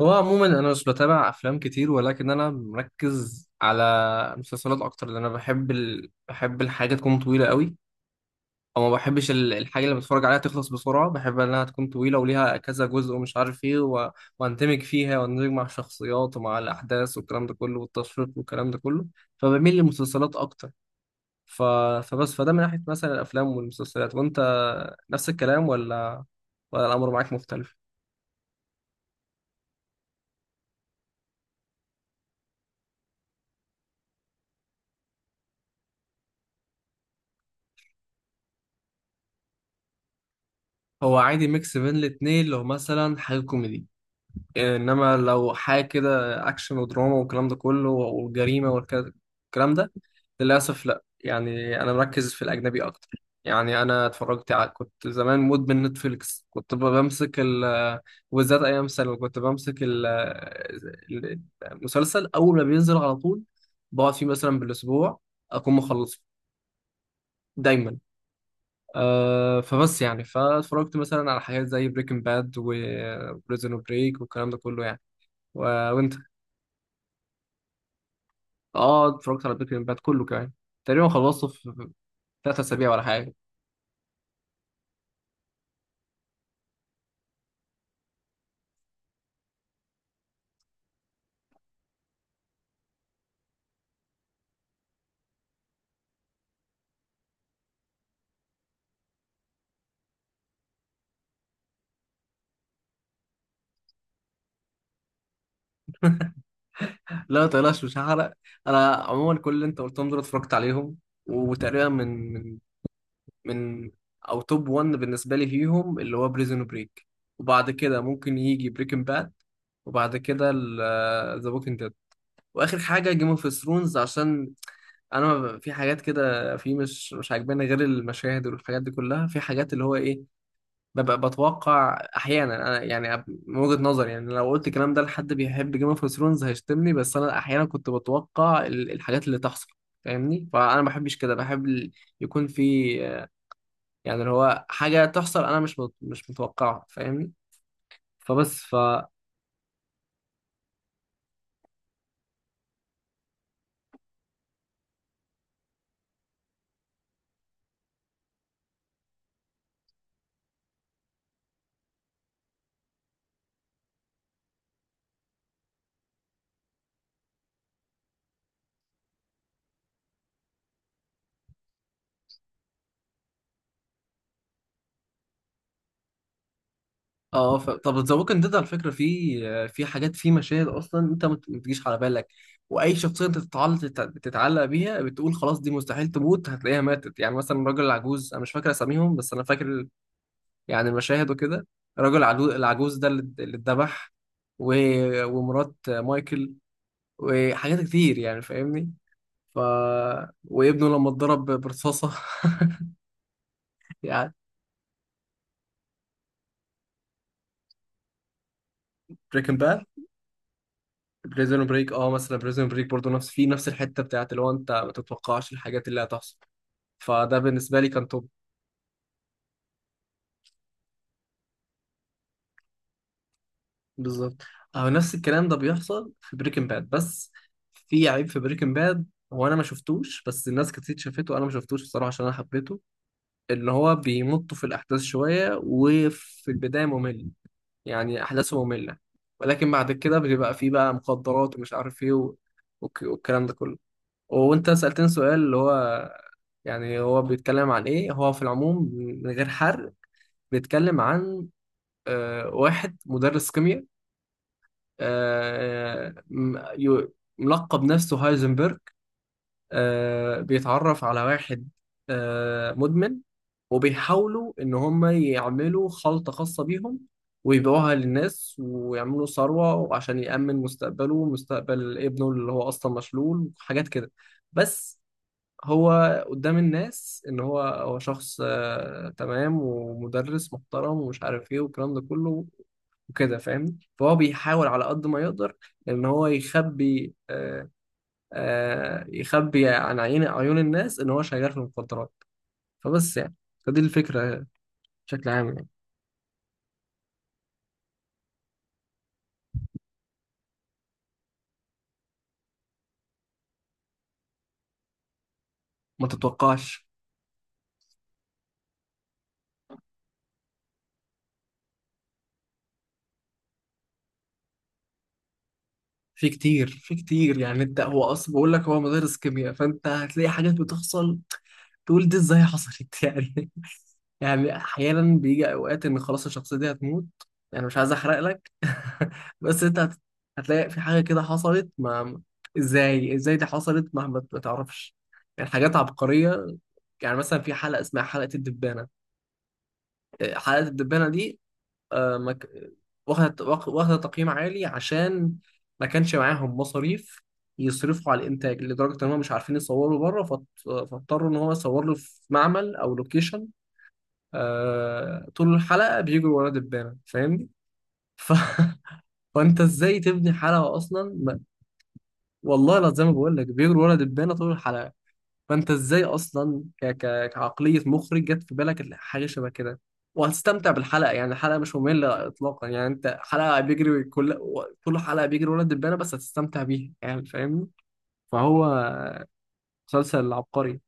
هو عموما انا مش بتابع افلام كتير، ولكن انا مركز على مسلسلات اكتر، لان انا بحب بحب الحاجه تكون طويله قوي، او ما بحبش الحاجه اللي بتفرج عليها تخلص بسرعه. بحب انها تكون طويله وليها كذا جزء ومش عارف ايه واندمج فيها واندمج مع الشخصيات ومع الاحداث والكلام ده كله والتشويق والكلام ده كله، فبميل للمسلسلات اكتر. ف... فبس، فده من ناحيه مثلا الافلام والمسلسلات. وانت نفس الكلام ولا الامر معاك مختلف؟ هو عادي ميكس بين الاتنين لو مثلا حاجه كوميدي، انما لو حاجه كده اكشن ودراما والكلام ده كله والجريمه والكلام ده، للاسف لا. يعني انا مركز في الاجنبي اكتر. يعني انا اتفرجت على، كنت زمان مدمن نتفليكس، كنت بمسك ال، وبالذات ايام ثانوي كنت بمسك ال المسلسل اول ما بينزل على طول، بقعد فيه مثلا بالاسبوع اكون مخلصه دايما. أه، فبس يعني فاتفرجت مثلا على حاجات زي بريكنج باد وبريزون بريك والكلام ده كله يعني و... وانت. اه، اتفرجت على بريكنج باد كله كمان، تقريبا خلصته في ثلاث اسابيع ولا حاجه. لا ما تقلقش، مش هحرق. انا عموما كل اللي انت قلتهم دول اتفرجت عليهم، وتقريبا من او توب 1 بالنسبه لي فيهم اللي هو بريزون بريك، وبعد كده ممكن يجي بريكنج باد، وبعد كده ذا ووكينج ديد، واخر حاجه جيم اوف ثرونز، عشان انا ما ب- في حاجات كده في مش عاجباني غير المشاهد والحاجات دي كلها. في حاجات اللي هو ايه، ببقى بتوقع احيانا. انا يعني من وجهة نظري يعني لو قلت الكلام ده لحد بيحب جيم اوف ثرونز هيشتمني، بس انا احيانا كنت بتوقع الحاجات اللي تحصل، فاهمني؟ فانا ما بحبش كده، بحب يكون في آه، يعني اللي هو حاجه تحصل، انا مش متوقعها، فاهمني؟ فبس. اه، طب ذا ووكينج ديد على فكره في في حاجات، في مشاهد اصلا انت ما تجيش على بالك، واي شخصيه انت تتعلق بيها بتقول خلاص دي مستحيل تموت، هتلاقيها ماتت. يعني مثلا الراجل العجوز، انا مش فاكر اساميهم بس انا فاكر يعني مشاهد وكده، الراجل العجوز ده اللي اتذبح ومرات مايكل وحاجات كتير، يعني فاهمني؟ ف وابنه لما اتضرب برصاصة. يعني بريكن باد. بريزون بريك، اه مثلا بريزون بريك برضه نفس، في نفس الحتة بتاعت اللي هو انت ما تتوقعش الحاجات اللي هتحصل، فده بالنسبة لي كان توب. بالظبط. اه نفس الكلام ده بيحصل في بريكن باد، بس في عيب في بريكن باد هو انا ما شفتوش، بس الناس كتير شافته وانا ما شفتوش بصراحة عشان انا حبيته. اللي هو بيمطوا في الأحداث شوية وفي البداية ممل، يعني أحداثه مملة، ولكن بعد كده بيبقى فيه بقى مخدرات ومش عارف إيه والكلام ده كله. وأنت سألتني سؤال اللي هو يعني هو بيتكلم عن إيه، هو في العموم من غير حرق بيتكلم عن واحد مدرس كيمياء، ملقب نفسه هايزنبرغ. بيتعرف على واحد مدمن، وبيحاولوا إن هم يعملوا خلطة خاصة بيهم ويبيعوها للناس ويعملوا ثروة عشان يأمن مستقبله ومستقبل ابنه اللي هو أصلا مشلول وحاجات كده. بس هو قدام الناس إن هو شخص آه تمام ومدرس محترم ومش عارف إيه والكلام ده كله وكده، فاهمني؟ فهو بيحاول على قد ما يقدر إن هو يخبي يخبي عن عيون الناس ان هو شغال في المخدرات. فبس يعني فدي الفكره بشكل عام يعني. ما تتوقعش. في كتير، في كتير، يعني انت هو اصلا بقول لك هو مدرس كيمياء فانت هتلاقي حاجات بتحصل تقول دي ازاي حصلت؟ يعني، يعني احيانا بيجي اوقات ان خلاص الشخصيه دي هتموت، يعني مش عايز احرق لك. بس انت هتلاقي في حاجه كده حصلت، ما ازاي، ازاي دي حصلت، ما تعرفش، يعني حاجات عبقريه. يعني مثلا في حلقة اسمها حلقة الدبانة، حلقة الدبانة دي آه، ما ك- واخدة واخدة تقييم عالي عشان ما كانش معاهم مصاريف يصرفوا على الإنتاج، لدرجة إن هم مش عارفين يصوروا بره فاضطروا إن هو يصور له في معمل أو لوكيشن. طول الحلقة بيجروا ورا دبانة، فاهمني؟ ف... فأنت إزاي تبني حلقة أصلا ما... والله لا، زي ما بقول لك بيجروا ورا دبانة طول الحلقة. فانت ازاي اصلا كعقليه مخرج جت في بالك حاجه شبه كده؟ وهتستمتع بالحلقه، يعني الحلقه مش ممله اطلاقا. يعني انت حلقه بيجري كل حلقه بيجري ولد دبانه، بس هتستمتع بيها يعني فاهمني؟ فهو مسلسل عبقري.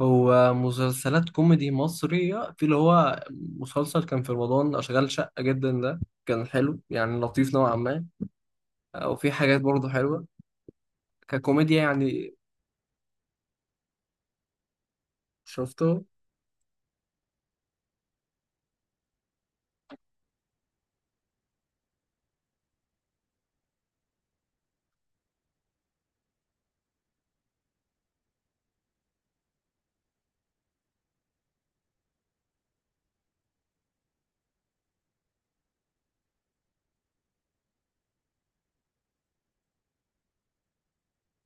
هو مسلسلات كوميدي مصرية في اللي هو مسلسل كان في رمضان، أشغال شقة جدا ده كان حلو، يعني لطيف نوعا ما، وفي حاجات برضه حلوه ككوميديا يعني. شفته.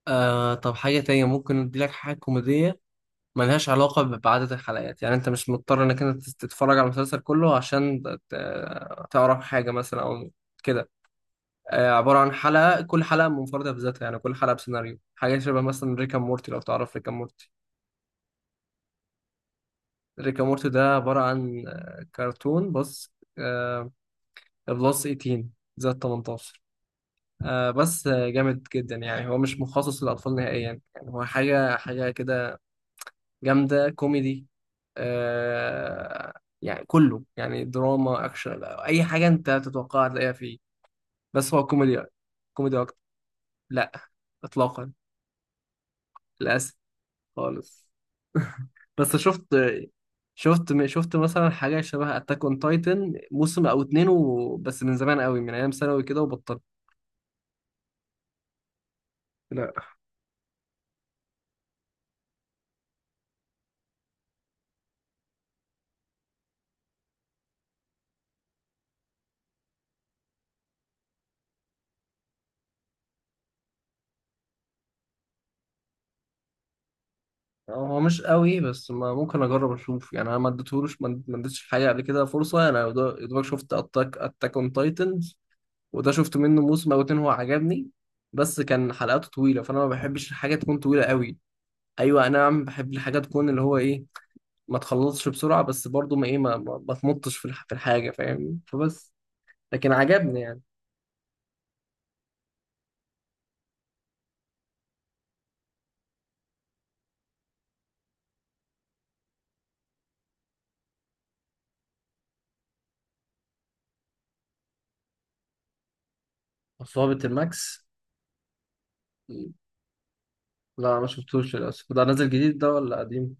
آه، طب حاجة تانية ممكن اديلك حاجة كوميدية ملهاش علاقة بعدد الحلقات، يعني انت مش مضطر انك انت تتفرج على المسلسل كله عشان تعرف حاجة مثلا او كده. عبارة عن حلقة، كل حلقة منفردة بذاتها، يعني كل حلقة بسيناريو. حاجة شبه مثلا ريكا مورتي، لو تعرف ريكا مورتي. ريكا مورتي ده عبارة عن كرتون، بس آه، بلس 18، زائد 18، بس جامد جدا، يعني هو مش مخصص للأطفال نهائيا. يعني هو حاجة كده جامدة كوميدي. آه، يعني كله يعني دراما أكشن، أي حاجة أنت تتوقعها تلاقيها فيه، بس هو كوميدي. كوميدي أكتر. لا، إطلاقا، للأسف، خالص. بس شفت مثلا حاجة شبه أتاك أون تايتن موسم أو اتنين بس من زمان قوي من أيام ثانوي كده وبطلت. لا هو مش قوي، بس ما ممكن أجرب أشوف. يعني أنا ما اديتهولوش، ما ما اديتش حاجة قبل كده فرصة، أنا يا دوبك شفت أتاك أون تايتن، وده شفت منه موسم او اتنين، هو عجبني، بس كان حلقاته طويله، فانا ما بحبش الحاجه تكون طويله قوي. ايوه انا عم بحب الحاجه تكون اللي هو ايه، ما تخلصش بسرعه، بس برضو ما ايه، ما تمطش في في الحاجه، فاهمني؟ فبس لكن عجبني يعني. عصابة الماكس. لا ما شفتوش للاسف. ده نازل جديد ده ولا قديم؟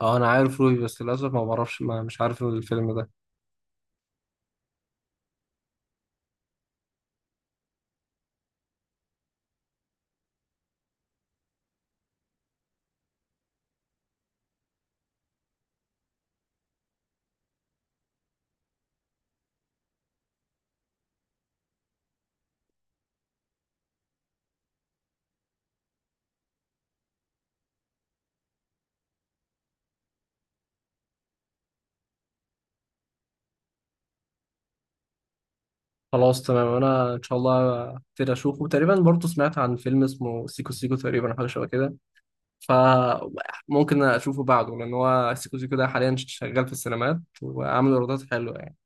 اه انا عارف روبي، بس للاسف ما بعرفش، ما مش عارف الفيلم ده. خلاص تمام، انا ان شاء الله كتير اشوفه. تقريبا برضو سمعت عن فيلم اسمه سيكو سيكو تقريبا، أو حاجه شبه كده، فممكن اشوفه بعده، لان هو سيكو سيكو ده حاليا شغال في السينمات وعامل ايرادات حلوه يعني.